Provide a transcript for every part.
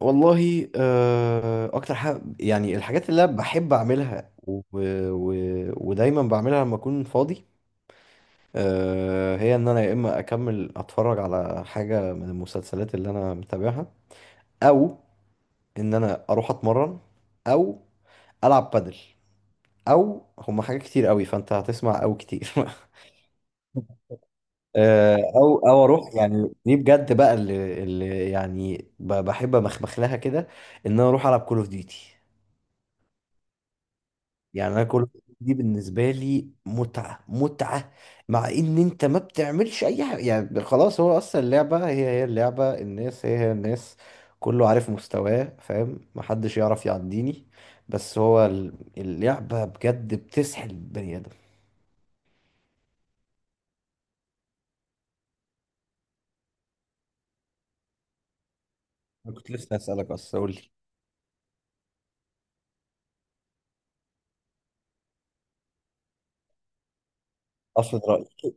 والله، اكتر حاجه يعني الحاجات اللي انا بحب اعملها ودايما بعملها لما اكون فاضي. هي ان انا يا اما اكمل اتفرج على حاجه من المسلسلات اللي انا متابعها، او ان انا اروح اتمرن، او العب بادل، او هما حاجات كتير قوي، فانت هتسمع او كتير. او اروح، يعني دي بجد بقى اللي يعني بحب امخمخ لها كده، ان انا اروح العب كول اوف ديوتي. يعني انا كل دي بالنسبه لي متعه متعه. مع ان انت ما بتعملش اي حاجه، يعني خلاص، هو اصلا اللعبه هي هي اللعبه، الناس هي هي الناس، كله عارف مستواه، فاهم، محدش يعرف يعديني. بس هو اللعبه بجد بتسحل البني ادم. انا كنت لسه هسألك اصلا، قول لي. افرض رأيك.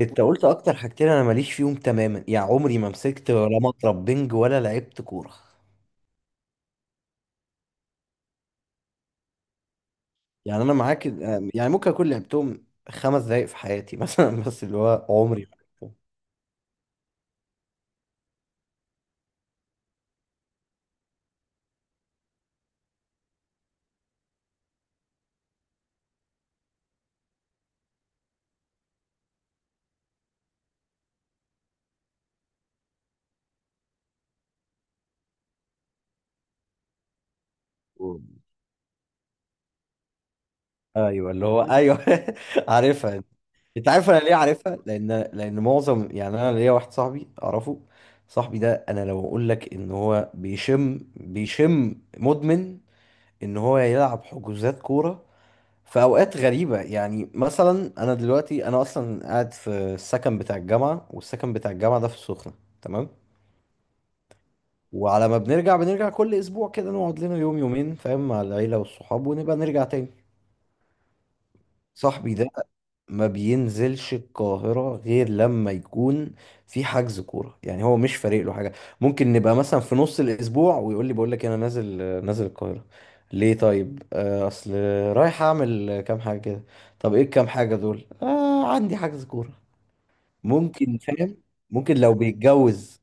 انت قلت اكتر حاجتين انا ماليش فيهم تماما، يعني عمري ما مسكت ولا مضرب بنج ولا لعبت كوره. يعني انا معاك. يعني ممكن اكون لعبتهم 5 دقايق في حياتي مثلا. بس اللي هو عمري ما لعبتهم. ايوه، اللي هو ايوه. عارفها. انت عارف انا ليه عارفها؟ لان معظم، يعني انا ليا واحد صاحبي اعرفه. صاحبي ده، انا لو اقول لك ان هو بيشم مدمن، ان هو يلعب حجوزات كوره في اوقات غريبه. يعني مثلا انا دلوقتي اصلا قاعد في السكن بتاع الجامعه، والسكن بتاع الجامعه ده في السخنه. تمام. وعلى ما بنرجع كل اسبوع كده، نقعد لنا يوم يومين، فاهم، مع العيلة والصحاب، ونبقى نرجع تاني. صاحبي ده ما بينزلش القاهرة غير لما يكون في حجز كورة، يعني هو مش فارق له حاجة. ممكن نبقى مثلا في نص الاسبوع، ويقول لي، بقول لك انا نازل القاهرة. ليه؟ طيب، اصل رايح اعمل كام حاجة كده. طب ايه الكام حاجة دول؟ آه، عندي حجز كورة. ممكن، فاهم، ممكن لو بيتجوز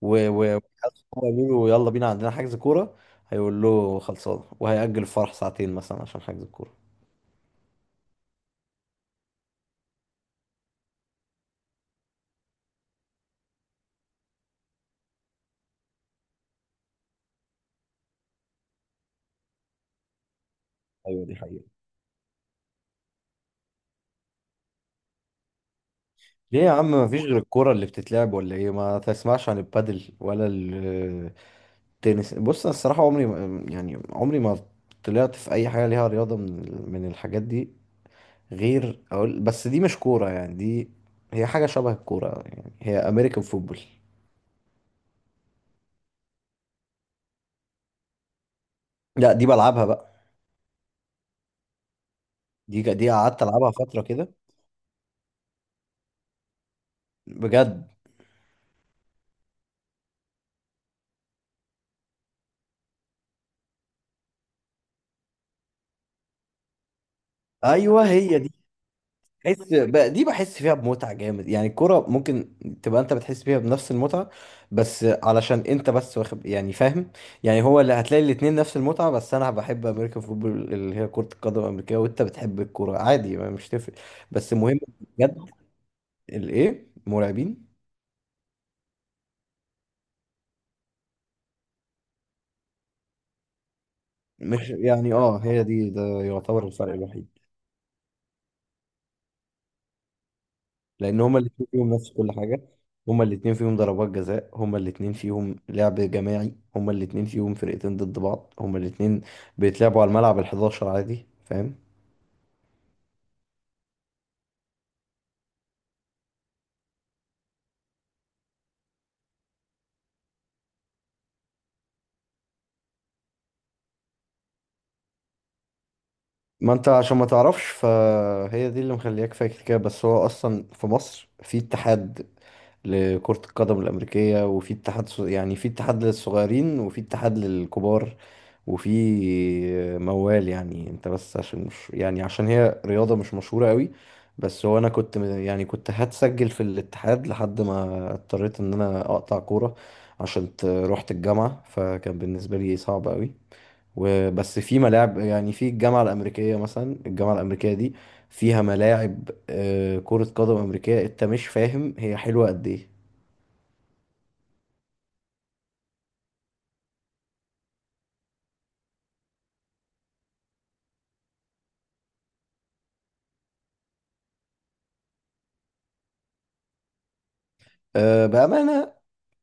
وحاسس إن هو يقول له، يلا بينا عندنا حجز كورة، هيقول له خلصانة، وهيأجل الفرح ساعتين مثلا عشان حجز الكورة. ايوه، دي حقيقة. ليه يا عم؟ مفيش غير الكورة اللي بتتلعب ولا ايه؟ ما تسمعش عن البادل ولا التنس؟ بص، انا الصراحة عمري ما طلعت في اي حاجة ليها رياضة من الحاجات دي، غير اقول، بس دي مش كورة، يعني دي هي حاجة شبه الكورة، يعني هي امريكان فوتبول. لا، دي بلعبها بقى. دي قعدت العبها فترة كده. بجد. ايوه، هي دي. بحس بقى دي بحس فيها بمتعة جامد، يعني الكورة ممكن تبقى انت بتحس فيها بنفس المتعة، بس علشان انت بس واخد، يعني فاهم، يعني هو اللي هتلاقي الاتنين نفس المتعة. بس انا بحب امريكان فوتبول اللي هي كرة القدم الامريكية، وانت بتحب الكورة عادي، ما مش تفرق. بس المهم، بجد، الايه، مرعبين. مش يعني هي دي، ده يعتبر الفرق الوحيد، لان هما الاتنين فيهم نفس كل حاجه. هما الاتنين فيهم ضربات جزاء، هما الاتنين فيهم لعب جماعي، هما الاتنين فيهم فرقتين ضد بعض، هما الاتنين بيتلعبوا على الملعب ال11 عادي، فاهم. ما انت عشان ما تعرفش فهي دي اللي مخلياك فاكر كده، بس هو اصلا في مصر في اتحاد لكرة القدم الأمريكية، وفي اتحاد يعني في اتحاد للصغيرين، وفي اتحاد للكبار، وفي موال، يعني انت بس عشان هي رياضة مش مشهورة قوي. بس هو انا كنت يعني كنت هتسجل في الاتحاد، لحد ما اضطريت ان انا اقطع كورة عشان رحت الجامعة، فكان بالنسبة لي صعب قوي. وبس في ملاعب، يعني في الجامعة الأمريكية مثلا، الجامعة الأمريكية دي فيها ملاعب كرة قدم أمريكية، انت مش فاهم هي حلوة قد ايه. آه، بأمانة،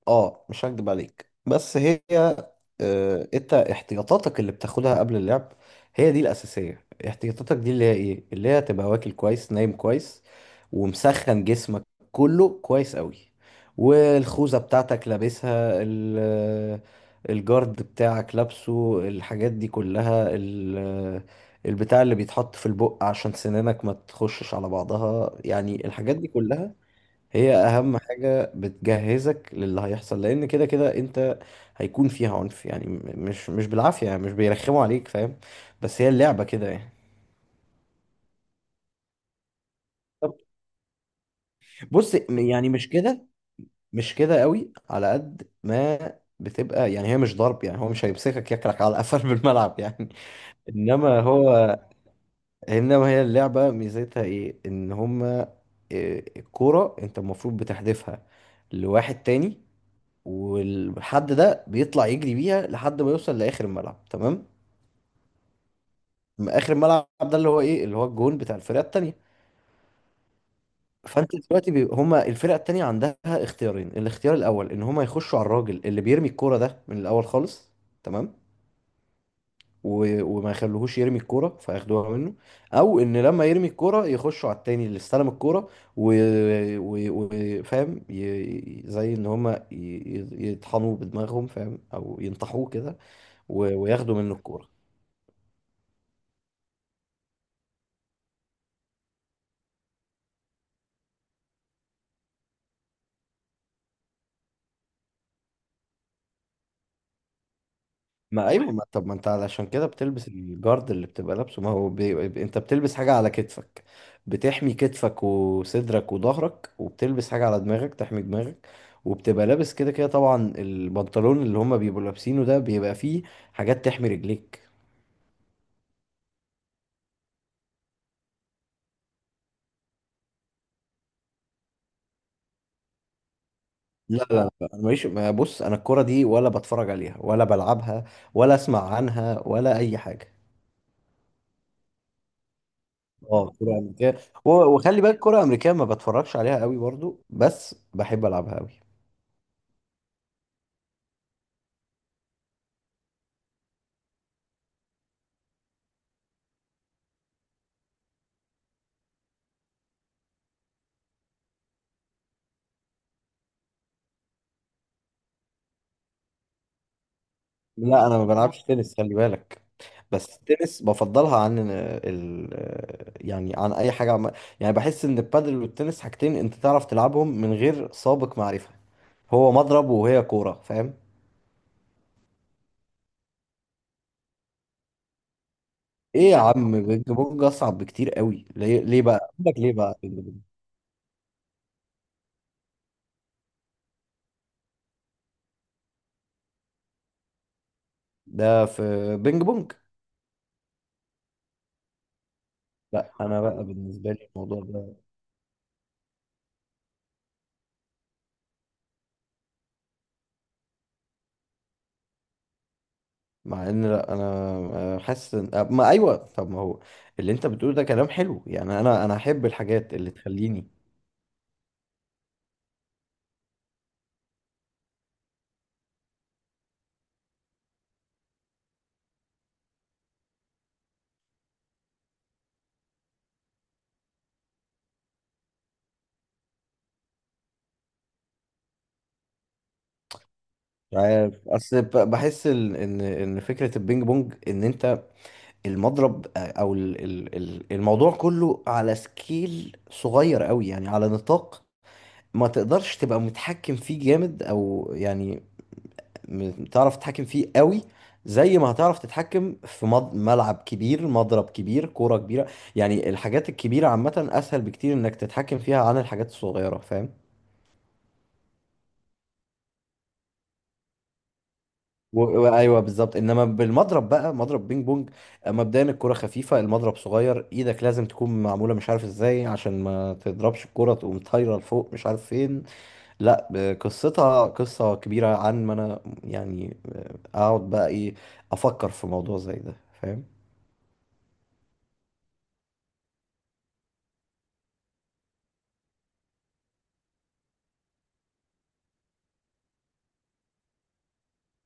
اه مش هكدب عليك، بس هي، انت احتياطاتك اللي بتاخدها قبل اللعب هي دي الاساسيه. احتياطاتك دي اللي هي تبقى واكل كويس، نايم كويس، ومسخن جسمك كله كويس قوي، والخوذه بتاعتك لابسها، الجارد بتاعك لابسه، الحاجات دي كلها، البتاع اللي بيتحط في البق عشان سنانك ما تخشش على بعضها، يعني الحاجات دي كلها هي اهم حاجة بتجهزك للي هيحصل، لان كده كده انت هيكون فيها عنف، يعني مش بالعافية، يعني مش بيرخموا عليك، فاهم. بس هي اللعبة كده يعني. طب، بص يعني مش كده، مش كده قوي. على قد ما بتبقى، يعني هي مش ضرب، يعني هو مش هيمسكك ياكلك على قفل بالملعب. يعني انما هو انما هي اللعبة ميزتها ايه، ان هما، إيه، الكورة انت المفروض بتحدفها لواحد تاني، والحد ده بيطلع يجري بيها لحد ما يوصل لاخر الملعب، تمام. ما اخر الملعب ده اللي هو الجون بتاع الفرقه التانيه. فانت دلوقتي هما الفرقه التانيه عندها اختيارين. الاختيار الاول ان هما يخشوا على الراجل اللي بيرمي الكوره ده من الاول خالص، تمام، وما يخلوهوش يرمي الكوره فياخدوها منه، او ان لما يرمي الكوره يخشوا على التاني اللي استلم الكوره و... و... و... فاهم، زي ان هما يطحنوه بدماغهم، فاهم، او ينطحوه كده، و... وياخدوا منه الكوره. ما ايوه، ما طب، ما انت علشان كده بتلبس الجارد اللي بتبقى لابسه. ما هو انت بتلبس حاجه على كتفك بتحمي كتفك وصدرك وظهرك، وبتلبس حاجه على دماغك تحمي دماغك، وبتبقى لابس كده كده. طبعا البنطلون اللي هما بيبقوا لابسينه ده بيبقى فيه حاجات تحمي رجليك. لا، لا، لا، انا ماليش، ما بص، انا الكوره دي ولا بتفرج عليها ولا بلعبها ولا اسمع عنها ولا اي حاجه. اه، كرة أمريكية. وخلي بالك كرة أمريكية ما بتفرجش عليها قوي برضو، بس بحب ألعبها قوي. لا، انا ما صح؟ بلعبش تنس، خلي بالك. بس التنس بفضلها عن ال يعني عن اي حاجه يعني بحس ان البادل والتنس حاجتين انت تعرف تلعبهم من غير سابق معرفه، هو مضرب وهي كوره، فاهم. ايه يا عم، بينج بونج اصعب بكتير قوي. ليه بقى؟ اقول لك ليه بقى بينج بونج. ده في بينج بونج. لا، انا بقى بالنسبه لي الموضوع ده، مع ان، لا انا، حاسس ما ايوه، طب، ما هو اللي انت بتقوله ده كلام حلو، يعني انا احب الحاجات اللي تخليني. مش عارف، اصل بحس ان فكره البينج بونج ان انت المضرب، او الموضوع كله على سكيل صغير قوي، يعني على نطاق ما تقدرش تبقى متحكم فيه جامد، او يعني تعرف تتحكم فيه قوي زي ما هتعرف تتحكم في ملعب كبير، مضرب كبير، كوره كبيره. يعني الحاجات الكبيره عامه اسهل بكتير انك تتحكم فيها عن الحاجات الصغيره، فاهم. ايوه بالظبط، انما بالمضرب بقى، مضرب بينج بونج، مبدئيا الكرة خفيفة، المضرب صغير، ايدك لازم تكون معمولة مش عارف ازاي عشان ما تضربش الكرة تقوم طايرة لفوق مش عارف فين. لا، قصتها قصة كبيرة، عن ما انا يعني اقعد بقى، ايه، افكر في موضوع زي ده، فاهم.